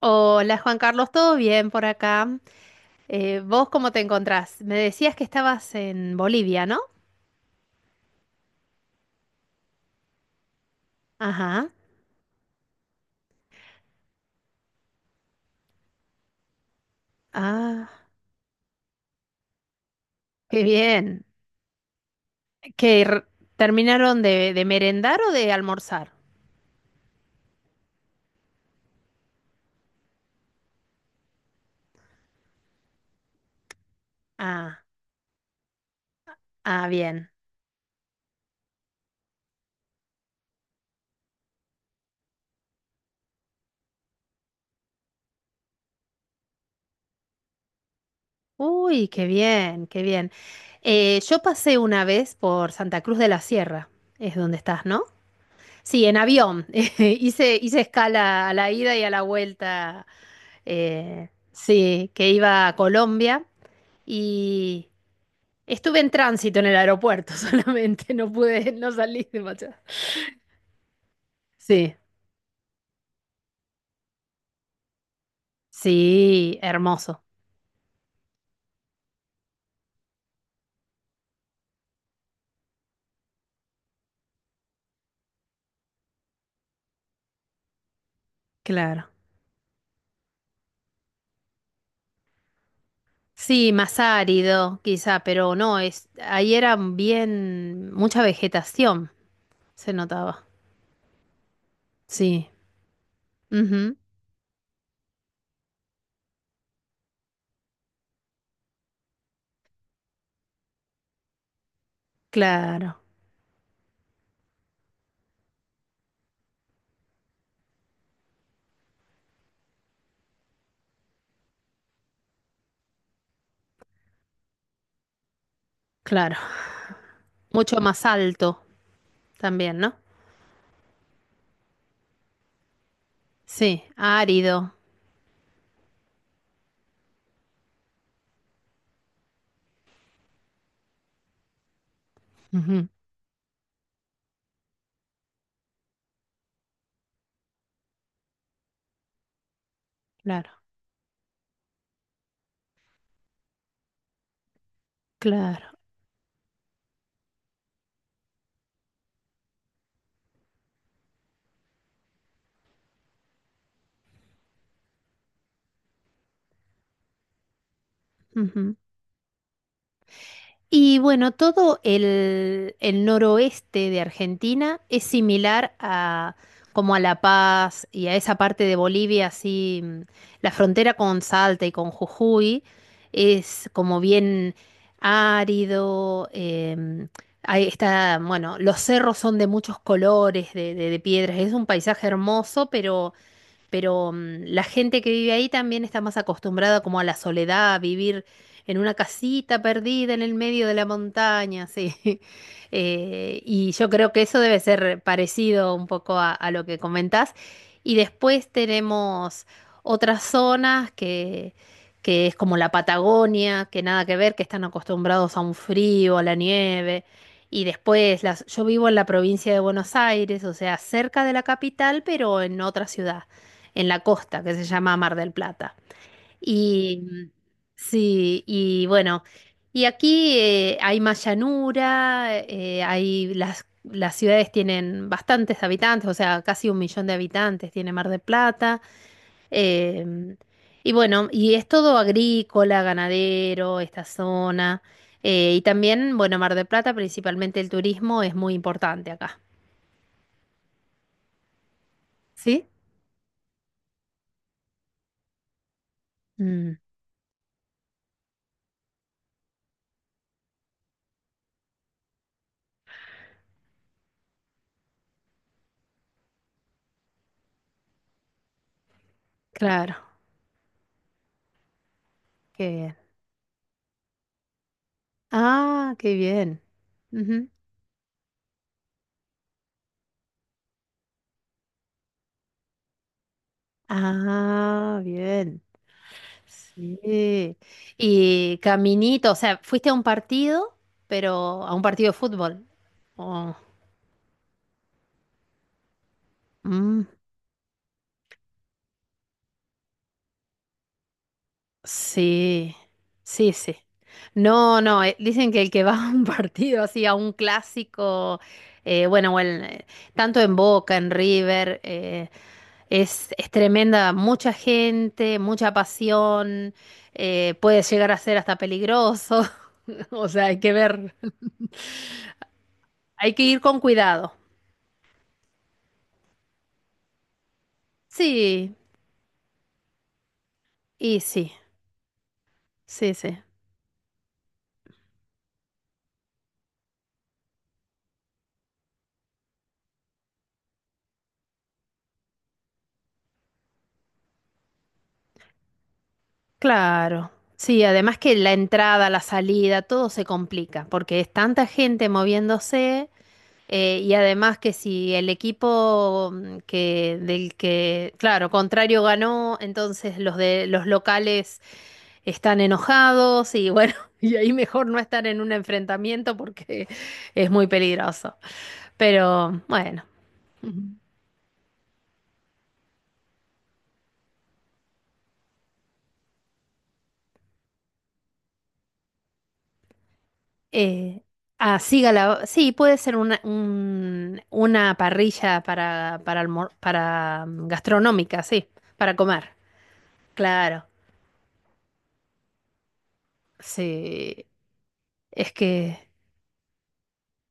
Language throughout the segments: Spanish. Hola Juan Carlos, ¿todo bien por acá? ¿Vos cómo te encontrás? Me decías que estabas en Bolivia, ¿no? Ajá. Ah, qué bien. ¿Que r- terminaron de, merendar o de almorzar? Ah, ah, bien. Uy, qué bien, qué bien. Yo pasé una vez por Santa Cruz de la Sierra, es donde estás, ¿no? Sí, en avión. Hice escala a la ida y a la vuelta. Sí, que iba a Colombia. y... Estuve en tránsito en el aeropuerto solamente, no pude, no salí de Machado. Sí, sí, hermoso, claro. Sí, más árido quizá, pero no, es, ahí era bien, mucha vegetación se notaba. Sí, ujú, claro, claro. Mucho más alto también, ¿no? Sí, árido. Ujú, claro, claro. Ujú. Y bueno, todo el noroeste de Argentina es similar a como a La Paz y a esa parte de Bolivia, así la frontera con Salta y con Jujuy es como bien árido. Ahí está, bueno, los cerros son de muchos colores, de piedras. Es un paisaje hermoso, pero la gente que vive ahí también está más acostumbrada como a la soledad, a vivir en una casita perdida en el medio de la montaña, sí. Y yo creo que eso debe ser parecido un poco a lo que comentás. Y después tenemos otras zonas que es como la Patagonia, que nada que ver, que están acostumbrados a un frío, a la nieve. Y después, yo vivo en la provincia de Buenos Aires, o sea, cerca de la capital, pero en otra ciudad en la costa, que se llama Mar del Plata. Y sí, y bueno, y aquí hay más llanura, hay las ciudades tienen bastantes habitantes, o sea, casi 1 millón de habitantes tiene Mar del Plata. em, y bueno, y es todo agrícola, ganadero, esta zona. Y también, bueno, Mar del Plata, principalmente el turismo es muy importante acá. ¿Sí? Mm, claro, que Ah, qué bien. Ujú. Ah, bien. Sí. Y caminito, o sea, fuiste a un partido, pero a un partido de fútbol. Oh. Sí, sí, sí. No, no, dicen que el que va a un partido así, a un clásico, bueno, o en, tanto en Boca, en River, es tremenda, mucha gente, mucha pasión, puede llegar a ser hasta peligroso, o sea, hay que ver, hay que ir con cuidado. Sí, y sí, sí, sí. Claro, sí, además que la entrada, la salida, todo se complica porque es tanta gente moviéndose y además que si el equipo que del que, claro, contrario ganó, entonces los de los locales están enojados y bueno, y ahí mejor no estar en un enfrentamiento porque es muy peligroso. Pero bueno. Ujú. Eh, así gala- sí, puede ser una, un- una parrilla para, gastronómica, sí, para comer. Claro, sí. Es que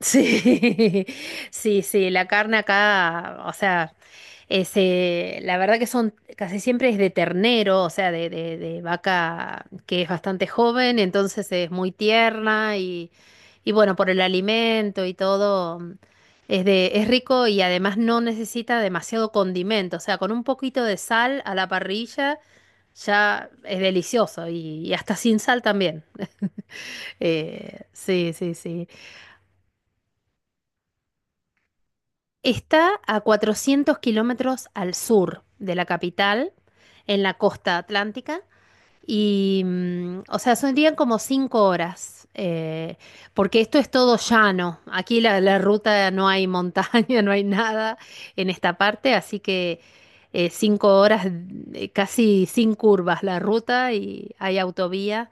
Sí, sí, sí, la carne acá, o sea, es, la verdad que son, casi siempre es de ternero, o sea, de vaca que es bastante joven, entonces es muy tierna y bueno, por el alimento y todo, es de, es rico y además no necesita demasiado condimento, o sea, con un poquito de sal a la parrilla ya es delicioso y hasta sin sal también. Sí, sí, sí. Está a 400 km al sur de la capital, en la costa atlántica, y, o sea, serían como 5 horas, porque esto es todo llano. Aquí la ruta no hay montaña, no hay nada en esta parte, así que 5 horas, casi sin curvas la ruta y hay autovía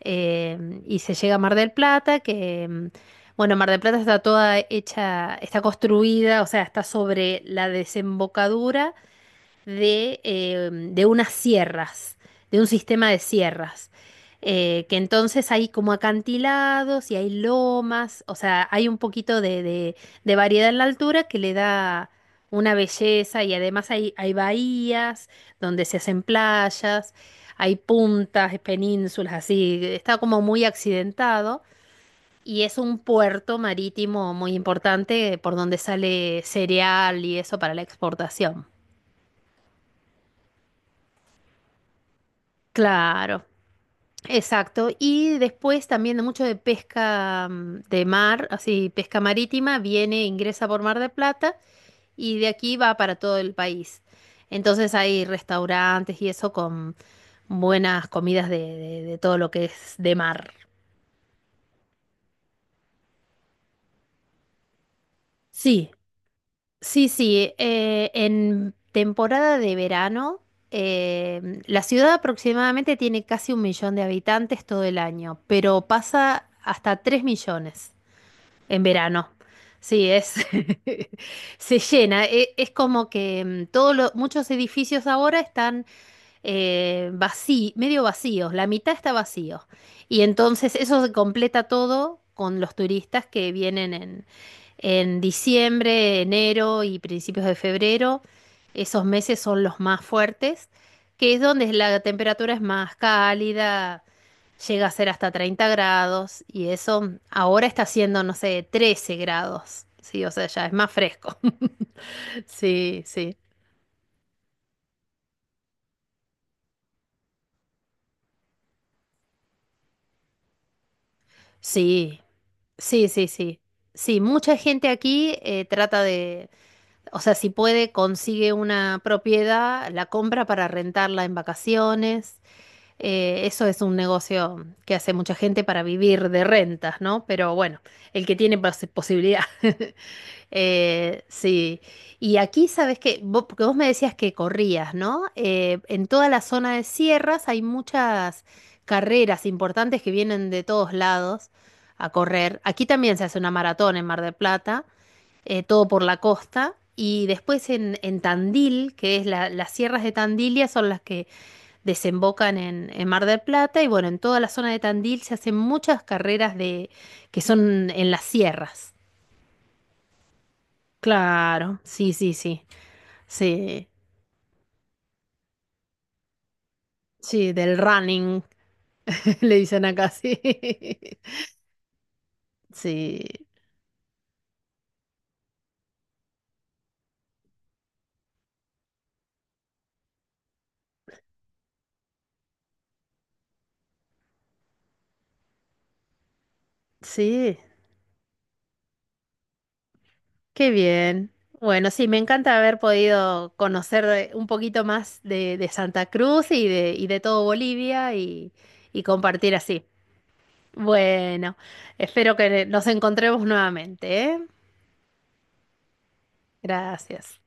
y se llega a Mar del Plata, que, bueno, Mar del Plata está toda hecha, está construida, o sea, está sobre la desembocadura de unas sierras, de un sistema de sierras. Que entonces hay como acantilados y hay lomas, o sea, hay un poquito de variedad en la altura que le da una belleza y además hay bahías donde se hacen playas, hay puntas, penínsulas, así, está como muy accidentado. Y es un puerto marítimo muy importante por donde sale cereal y eso para la exportación. Claro. Exacto, y después también de mucho de pesca de mar, así pesca marítima, viene, ingresa por Mar de Plata y de aquí va para todo el país. Entonces hay restaurantes y eso con buenas comidas de todo lo que es de mar. Sí, sí, sí. En temporada de verano, la ciudad aproximadamente tiene casi 1 millón de habitantes todo el año, pero pasa hasta 3 millones. En verano. Sí, es se llena. Es, como que todos los muchos edificios ahora están medio vacíos, la mitad está vacío. Y entonces eso se completa todo con los turistas que vienen en diciembre, enero y principios de febrero. Esos meses son los más fuertes, que es donde la temperatura es más cálida. Llega a ser hasta 30 grados y eso ahora está haciendo, no sé, 13 grados. Sí, o sea, ya es más fresco. Sí, sí. Sí, sí, sí, sí. Sí, mucha gente aquí trata de, o sea, si puede, consigue una propiedad, la compra para rentarla en vacaciones. Eso es un negocio que hace mucha gente para vivir de rentas, ¿no? Pero bueno, el que tiene posibilidad. Sí, y aquí sabes que, vos, porque vos me decías que corrías, ¿no? En toda la zona de sierras hay muchas carreras importantes que vienen de todos lados a correr. Aquí también se hace una maratón en Mar del Plata, todo por la costa, y después en, Tandil, que es las sierras de Tandilia son las que desembocan en, Mar del Plata, y bueno, en toda la zona de Tandil se hacen muchas carreras de, que son en las sierras. Claro, sí, sí, sí. Sí, sí, del running, le dicen acá, sí. Sí, sí, qué bien. Bueno, sí, me encanta haber podido conocer un poquito más de Santa Cruz y de todo Bolivia y compartir así. Bueno, espero que nos encontremos nuevamente, ¿eh? Gracias.